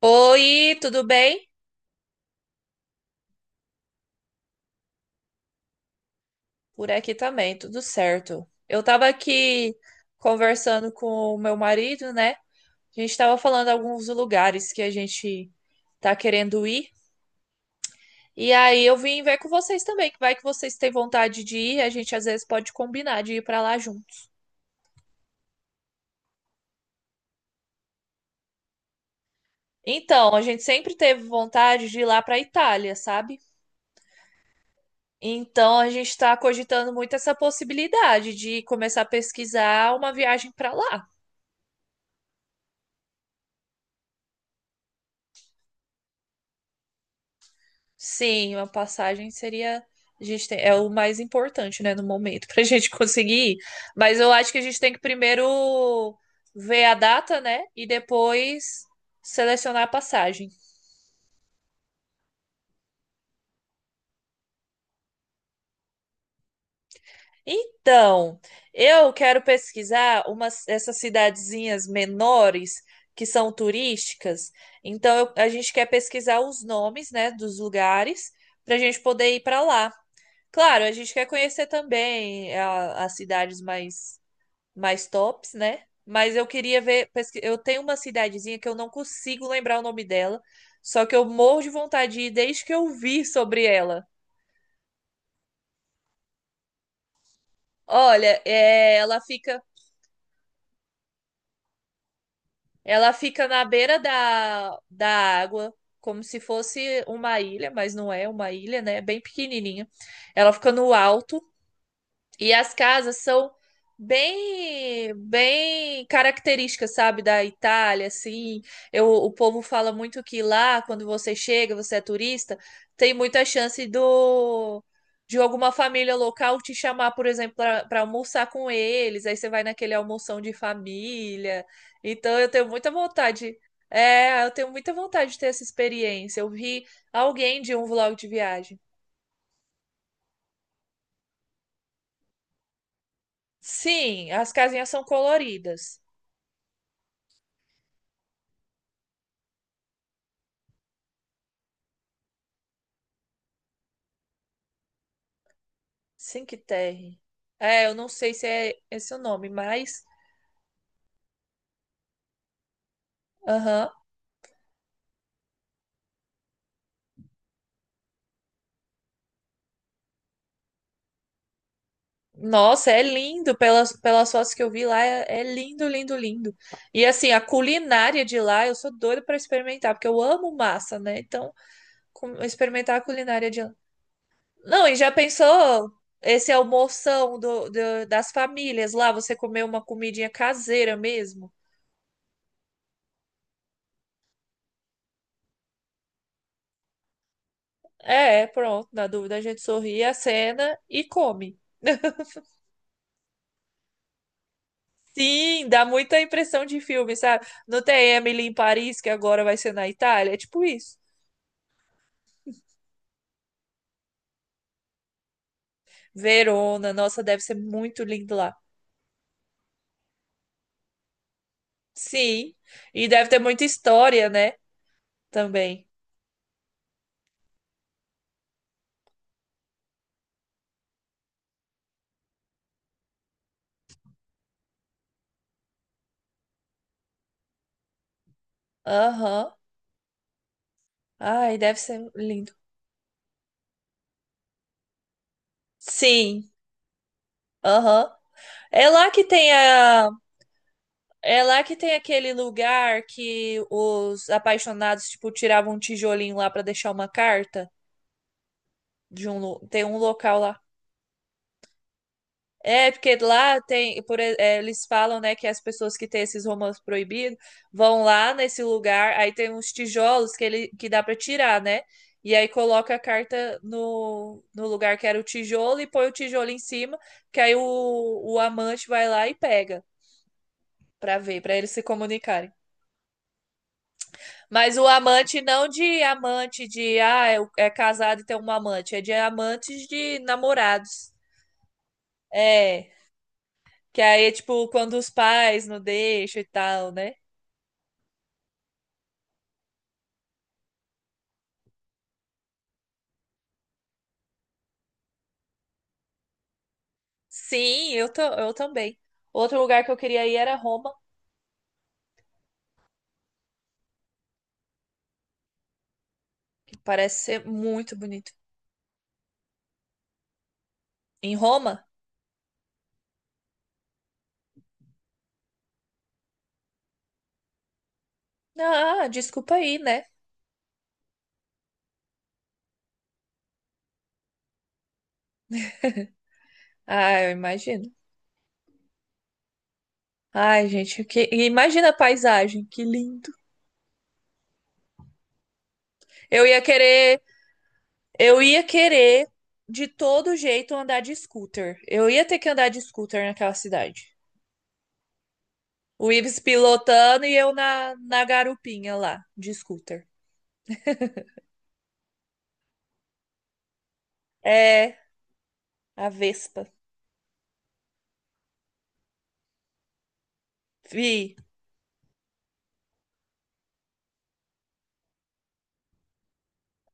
Oi, tudo bem? Por aqui também, tudo certo. Eu tava aqui conversando com o meu marido, né? A gente tava falando alguns lugares que a gente tá querendo ir. E aí eu vim ver com vocês também, que vai que vocês têm vontade de ir, a gente às vezes pode combinar de ir pra lá juntos. Então, a gente sempre teve vontade de ir lá pra Itália, sabe? Então, a gente tá cogitando muito essa possibilidade de começar a pesquisar uma viagem pra lá. Sim, uma passagem seria. A gente é o mais importante, né, no momento, para a gente conseguir ir. Mas eu acho que a gente tem que primeiro ver a data, né, e depois selecionar a passagem. Então, eu quero pesquisar essas cidadezinhas menores que são turísticas. Então, a gente quer pesquisar os nomes, né, dos lugares para a gente poder ir para lá. Claro, a gente quer conhecer também as cidades mais tops, né? Mas eu queria ver. Eu tenho uma cidadezinha que eu não consigo lembrar o nome dela, só que eu morro de vontade de ir desde que eu vi sobre ela. Olha, ela fica na beira da água, como se fosse uma ilha, mas não é uma ilha, né? É bem pequenininha. Ela fica no alto. E as casas são bem, bem características, sabe, da Itália, assim. O povo fala muito que lá, quando você chega, você é turista, tem muita chance do de alguma família local te chamar, por exemplo, para almoçar com eles. Aí você vai naquele almoção de família. Então eu tenho muita vontade. É, eu tenho muita vontade de ter essa experiência. Eu vi alguém de um vlog de viagem. Sim, as casinhas são coloridas. Cinque Terre. É, eu não sei se é esse o nome, mas. Aham. Nossa, é lindo. Pelas fotos que eu vi lá, é lindo, lindo, lindo. E assim, a culinária de lá, eu sou doida pra experimentar, porque eu amo massa, né? Então, experimentar a culinária de lá. Não, e já pensou esse almoção das famílias lá? Você comer uma comidinha caseira mesmo? É, pronto. Na dúvida, a gente sorri a cena e come. Sim, dá muita impressão de filme, sabe? Não tem Emily em Paris, que agora vai ser na Itália? É tipo isso. Verona, nossa, deve ser muito lindo lá. Sim, e deve ter muita história, né? Também. Aham. Ai, deve ser lindo. Sim, aham. É lá que tem a. É lá que tem aquele lugar que os apaixonados, tipo, tiravam um tijolinho lá pra deixar uma carta. Tem um local lá. É, porque lá tem, eles falam, né, que as pessoas que têm esses romances proibidos vão lá nesse lugar, aí tem uns tijolos que ele que dá pra tirar, né? E aí coloca a carta no lugar que era o tijolo e põe o tijolo em cima, que aí o amante vai lá e pega pra ver, pra eles se comunicarem. Mas o amante não de amante de é casado e tem um amante, é de amantes de namorados. É. Que aí é tipo quando os pais não deixam e tal, né? Sim, eu também. Outro lugar que eu queria ir era Roma, que parece ser muito bonito. Em Roma? Ah, desculpa aí, né? Ah, eu imagino. Ai, gente, que imagina a paisagem, que lindo. Eu ia querer, eu ia querer de todo jeito andar de scooter. Eu ia ter que andar de scooter naquela cidade. O Ives pilotando e eu na garupinha lá, de scooter. É, a Vespa. Vi.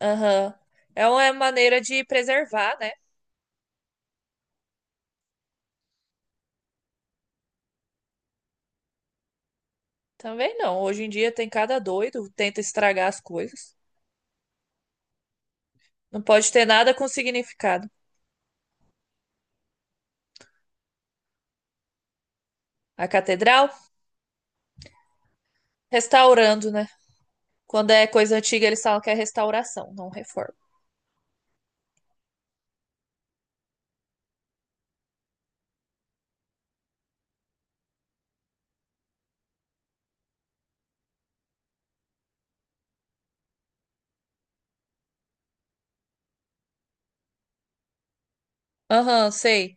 Aham. É uma maneira de preservar, né? Também não. Hoje em dia tem cada doido, tenta estragar as coisas. Não pode ter nada com significado. A catedral, restaurando, né? Quando é coisa antiga, eles falam que é restauração, não reforma. Aham, sei.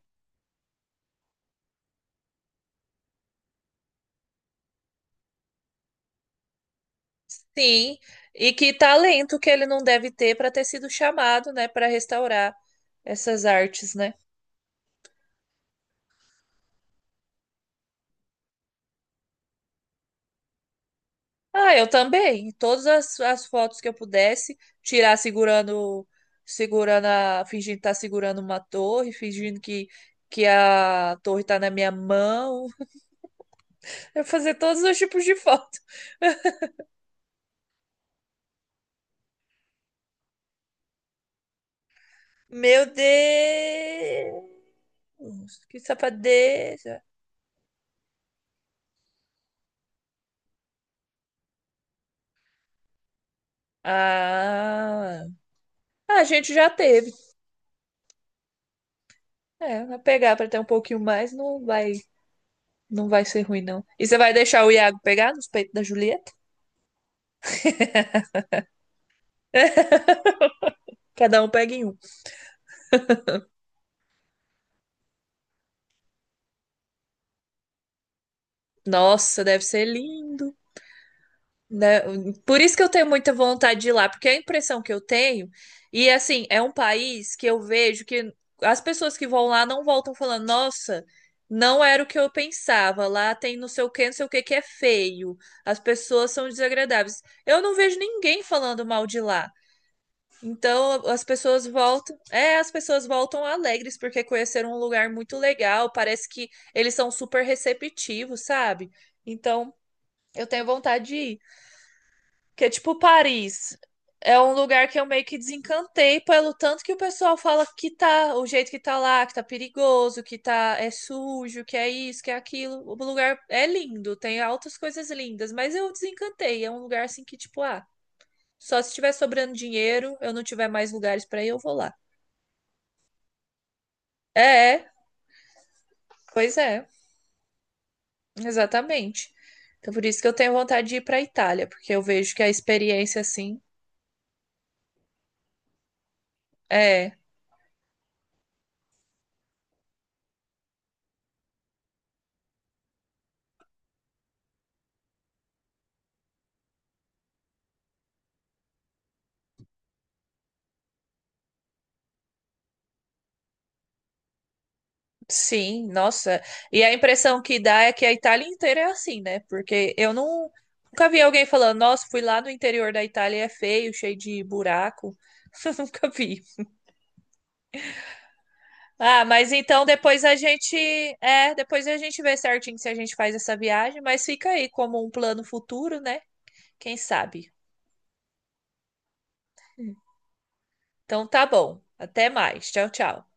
Sim. E que talento que ele não deve ter para ter sido chamado, né, para restaurar essas artes, né? Ah, eu também. Todas as fotos que eu pudesse tirar segurando fingindo estar segurando uma torre, fingindo que a torre tá na minha mão. Eu fazer todos os tipos de foto. Meu Deus, que safadeza. Ah, a gente já teve. É, vai pegar para ter um pouquinho mais, não vai, não vai ser ruim, não. E você vai deixar o Iago pegar nos peitos da Julieta? Cada um pega em um. Nossa, deve ser lindo, né? Por isso que eu tenho muita vontade de ir lá, porque é a impressão que eu tenho, e assim, é um país que eu vejo que as pessoas que vão lá não voltam falando, nossa, não era o que eu pensava, lá tem não sei o que, não sei o que que é feio, as pessoas são desagradáveis. Eu não vejo ninguém falando mal de lá. Então as pessoas voltam, é, as pessoas voltam alegres porque conheceram um lugar muito legal, parece que eles são super receptivos, sabe? Então eu tenho vontade de ir. Porque, tipo, Paris é um lugar que eu meio que desencantei pelo tanto que o pessoal fala que tá, o jeito que tá lá, que tá perigoso, que tá, é sujo, que é isso, que é aquilo. O lugar é lindo, tem altas coisas lindas, mas eu desencantei. É um lugar assim que, tipo, ah, só se tiver sobrando dinheiro, eu não tiver mais lugares pra ir, eu vou lá. É, é, pois é, exatamente. Então, por isso que eu tenho vontade de ir pra Itália, porque eu vejo que a experiência, assim, é. Sim, nossa. E a impressão que dá é que a Itália inteira é assim, né? Porque eu não, nunca vi alguém falando, nossa, fui lá no interior da Itália e é feio, cheio de buraco. Nunca vi. Ah, mas então depois a gente vê certinho se a gente faz essa viagem, mas fica aí como um plano futuro, né? Quem sabe? Então tá bom. Até mais. Tchau, tchau.